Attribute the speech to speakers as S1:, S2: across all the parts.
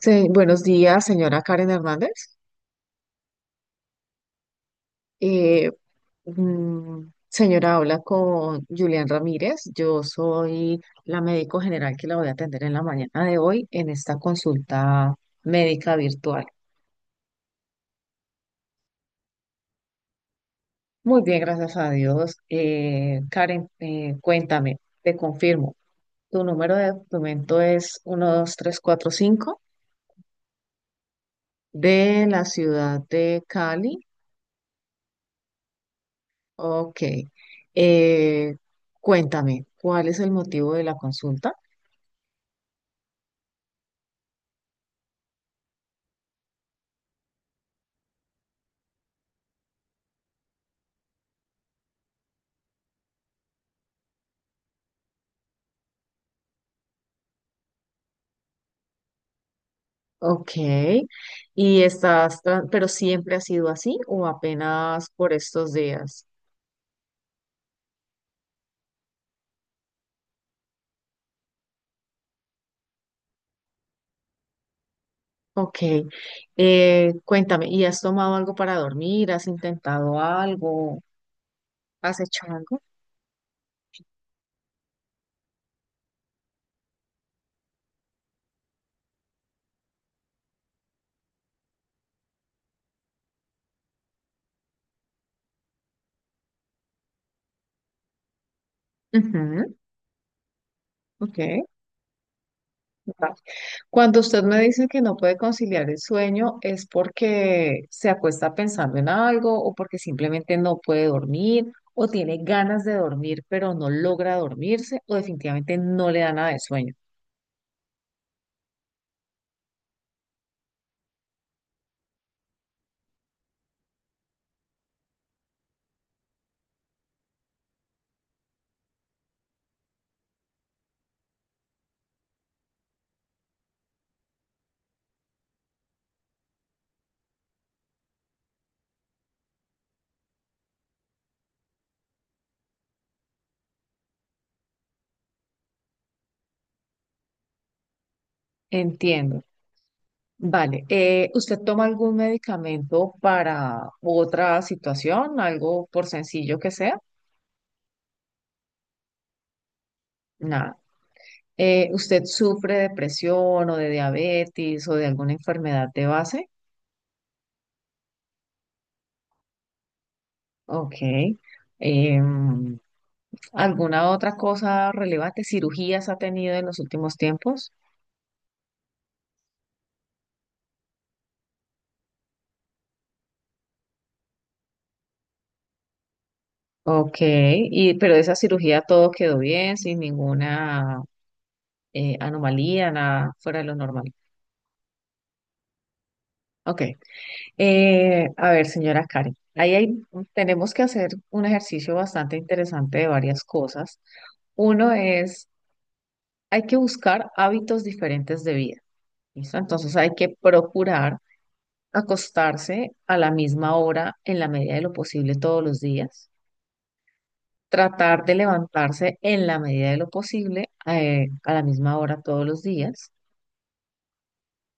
S1: Buenos días, señora Karen Hernández. Eh, mm, Señora, habla con Julián Ramírez. Yo soy la médico general que la voy a atender en la mañana de hoy en esta consulta médica virtual. Muy bien, gracias a Dios. Karen, cuéntame, te confirmo. Tu número de documento es 12345 de la ciudad de Cali. Ok. Eh, Cuéntame, ¿cuál es el motivo de la consulta? Ok. ¿Y pero siempre ha sido así o apenas por estos días? Ok. Cuéntame, ¿y has tomado algo para dormir? ¿Has intentado algo? ¿Has hecho algo? Ujú. Ok. Va. Cuando usted me dice que no puede conciliar el sueño, ¿es porque se acuesta pensando en algo o porque simplemente no puede dormir o tiene ganas de dormir pero no logra dormirse o definitivamente no le da nada de sueño? Entiendo. Vale, ¿usted toma algún medicamento para otra situación, algo por sencillo que sea? Nada. ¿Usted sufre de presión o de diabetes o de alguna enfermedad de base? Ok. Em, ¿Alguna otra cosa relevante? ¿Cirugías ha tenido en los últimos tiempos? Ok, y, pero esa cirugía todo quedó bien, sin ninguna anomalía, nada fuera de lo normal. Ok. A ver, señora Karen, tenemos que hacer un ejercicio bastante interesante de varias cosas. Uno es, hay que buscar hábitos diferentes de vida, ¿listo? Entonces hay que procurar acostarse a la misma hora en la medida de lo posible todos los días, tratar de levantarse en la medida de lo posible a la misma hora todos los días.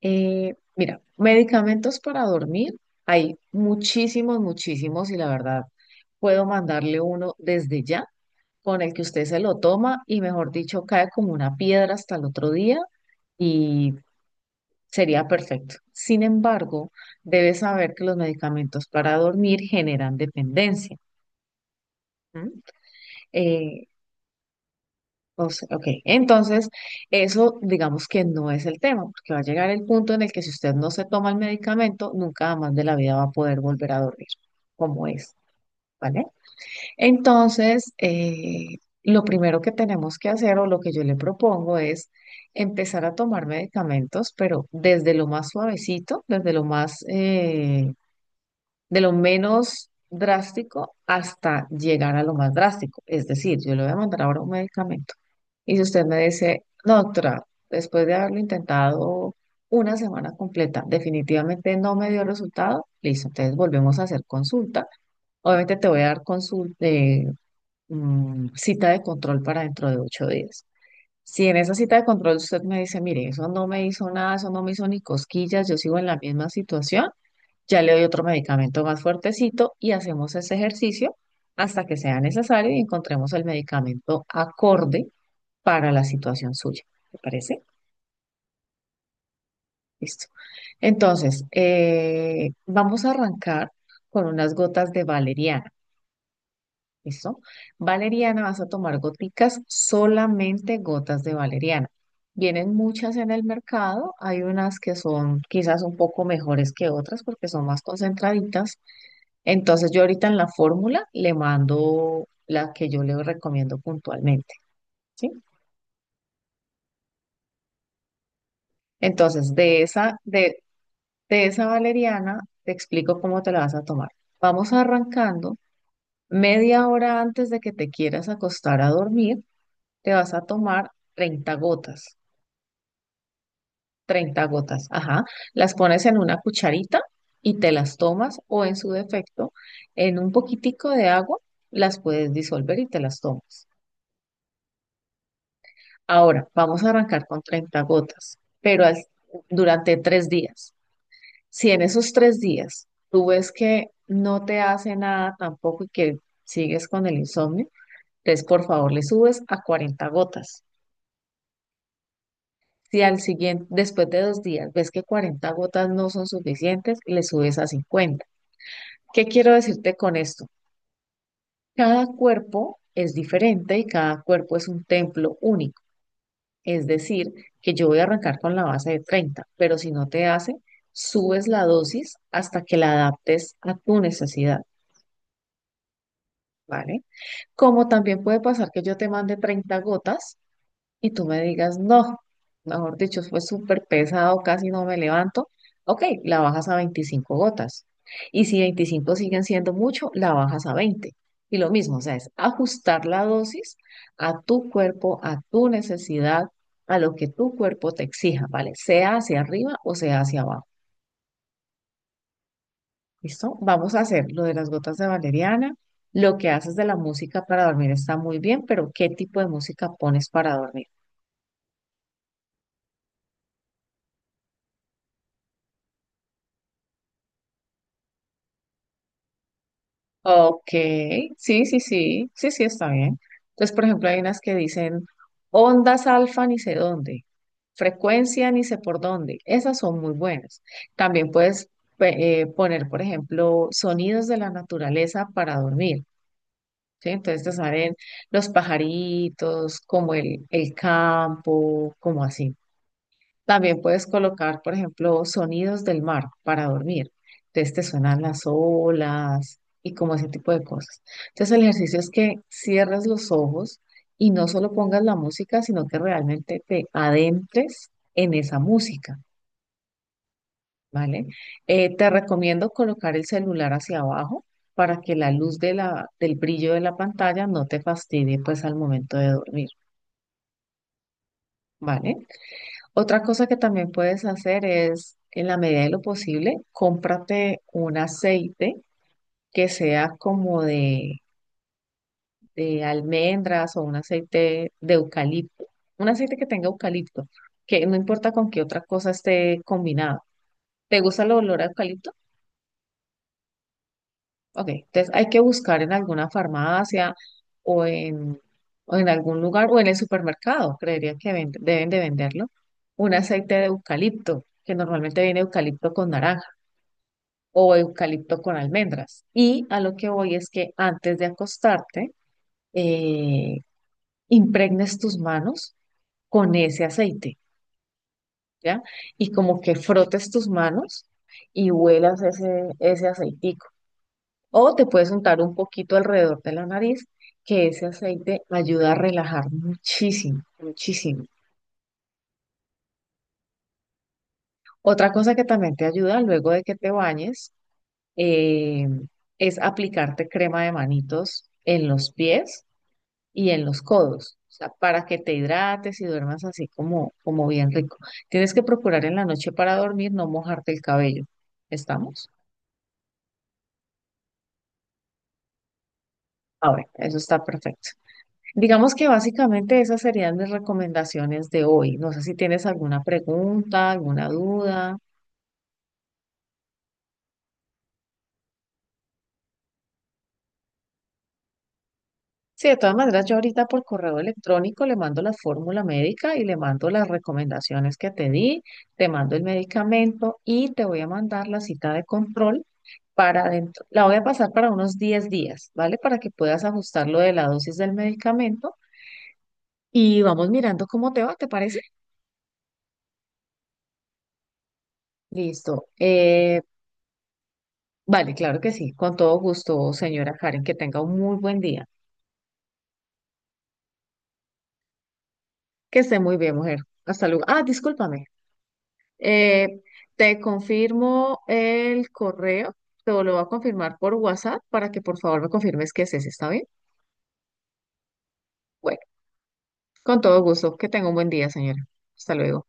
S1: Mira, medicamentos para dormir, hay muchísimos, muchísimos y la verdad puedo mandarle uno desde ya con el que usted se lo toma y mejor dicho cae como una piedra hasta el otro día y sería perfecto. Sin embargo, debe saber que los medicamentos para dormir generan dependencia. ¿M? Eh, O sea, ok, entonces eso digamos que no es el tema, porque va a llegar el punto en el que si usted no se toma el medicamento, nunca más de la vida va a poder volver a dormir, como es, ¿vale? Entonces, lo primero que tenemos que hacer o lo que yo le propongo es empezar a tomar medicamentos, pero desde lo más suavecito, de lo menos drástico hasta llegar a lo más drástico. Es decir, yo le voy a mandar ahora un medicamento. Y si usted me dice, no, doctora, después de haberlo intentado una semana completa, definitivamente no me dio resultado, listo, entonces volvemos a hacer consulta. Obviamente te voy a dar consulta, cita de control para dentro de 8 días. Si en esa cita de control usted me dice, mire, eso no me hizo nada, eso no me hizo ni cosquillas, yo sigo en la misma situación, ya le doy otro medicamento más fuertecito y hacemos ese ejercicio hasta que sea necesario y encontremos el medicamento acorde para la situación suya. ¿Te parece? Listo. Entonces, vamos a arrancar con unas gotas de valeriana. ¿Listo? Valeriana, vas a tomar goticas, solamente gotas de valeriana. Vienen muchas en el mercado, hay unas que son quizás un poco mejores que otras porque son más concentraditas. Entonces yo ahorita en la fórmula le mando la que yo le recomiendo puntualmente, ¿sí? Entonces de esa valeriana te explico cómo te la vas a tomar. Vamos arrancando media hora antes de que te quieras acostar a dormir, te vas a tomar 30 gotas, 30 gotas, ajá. Las pones en una cucharita y te las tomas o en su defecto en un poquitico de agua las puedes disolver y te las tomas. Ahora, vamos a arrancar con 30 gotas, pero durante 3 días. Si en esos 3 días tú ves que no te hace nada tampoco y que sigues con el insomnio, entonces por favor le subes a 40 gotas. Si al siguiente, después de 2 días, ves que 40 gotas no son suficientes, le subes a 50. ¿Qué quiero decirte con esto? Cada cuerpo es diferente y cada cuerpo es un templo único. Es decir, que yo voy a arrancar con la base de 30, pero si no te hace, subes la dosis hasta que la adaptes a tu necesidad, ¿vale? Como también puede pasar que yo te mande 30 gotas y tú me digas, no, mejor dicho, fue súper pesado, casi no me levanto, ok, la bajas a 25 gotas. Y si 25 siguen siendo mucho, la bajas a 20. Y lo mismo, o sea, es ajustar la dosis a tu cuerpo, a tu necesidad, a lo que tu cuerpo te exija, ¿vale? Sea hacia arriba o sea hacia abajo. ¿Listo? Vamos a hacer lo de las gotas de valeriana. Lo que haces de la música para dormir está muy bien, pero ¿qué tipo de música pones para dormir? Ok, sí, sí, sí, sí, sí, está bien. Entonces, por ejemplo, hay unas que dicen ondas alfa ni sé dónde, frecuencia ni sé por dónde. Esas son muy buenas. También puedes poner, por ejemplo, sonidos de la naturaleza para dormir, ¿sí? Entonces te salen los pajaritos, como el campo, como así. También puedes colocar, por ejemplo, sonidos del mar para dormir. Entonces te suenan las olas y como ese tipo de cosas. Entonces el ejercicio es que cierres los ojos y no solo pongas la música, sino que realmente te adentres en esa música, ¿vale? Te recomiendo colocar el celular hacia abajo para que la luz de del brillo de la pantalla no te fastidie pues al momento de dormir, ¿vale? Otra cosa que también puedes hacer es, en la medida de lo posible, cómprate un aceite que sea como de almendras o un aceite de eucalipto, un aceite que tenga eucalipto, que no importa con qué otra cosa esté combinado. ¿Te gusta el olor a eucalipto? Ok, entonces hay que buscar en alguna farmacia o en, o en algún lugar o en el supermercado, creería que deben de venderlo, un aceite de eucalipto, que normalmente viene eucalipto con naranja o eucalipto con almendras. Y a lo que voy es que antes de acostarte, eh, impregnes tus manos con ese aceite, ¿ya? Y como que frotes tus manos y huelas ese aceitico. O te puedes untar un poquito alrededor de la nariz, que ese aceite ayuda a relajar muchísimo, muchísimo. Otra cosa que también te ayuda luego de que te bañes eh, es aplicarte crema de manitos en los pies y en los codos, o sea, para que te hidrates y duermas así como, como bien rico. Tienes que procurar en la noche para dormir no mojarte el cabello. ¿Estamos? Ahora, eso está perfecto. Digamos que básicamente esas serían mis recomendaciones de hoy. No sé si tienes alguna pregunta, alguna duda. Sí, de todas maneras, yo ahorita por correo electrónico le mando la fórmula médica y le mando las recomendaciones que te di, te mando el medicamento y te voy a mandar la cita de control para dentro. La voy a pasar para unos 10 días, ¿vale? Para que puedas ajustar lo de la dosis del medicamento y vamos mirando cómo te va, ¿te parece? Listo. Vale, claro que sí. Con todo gusto, señora Karen, que tenga un muy buen día. Que esté muy bien, mujer. Hasta luego. Ah, discúlpame. Eh, Te confirmo el correo. Te lo voy a confirmar por WhatsApp para que por favor me confirmes que es ese, ¿está bien? Bueno, con todo gusto. Que tenga un buen día, señora. Hasta luego.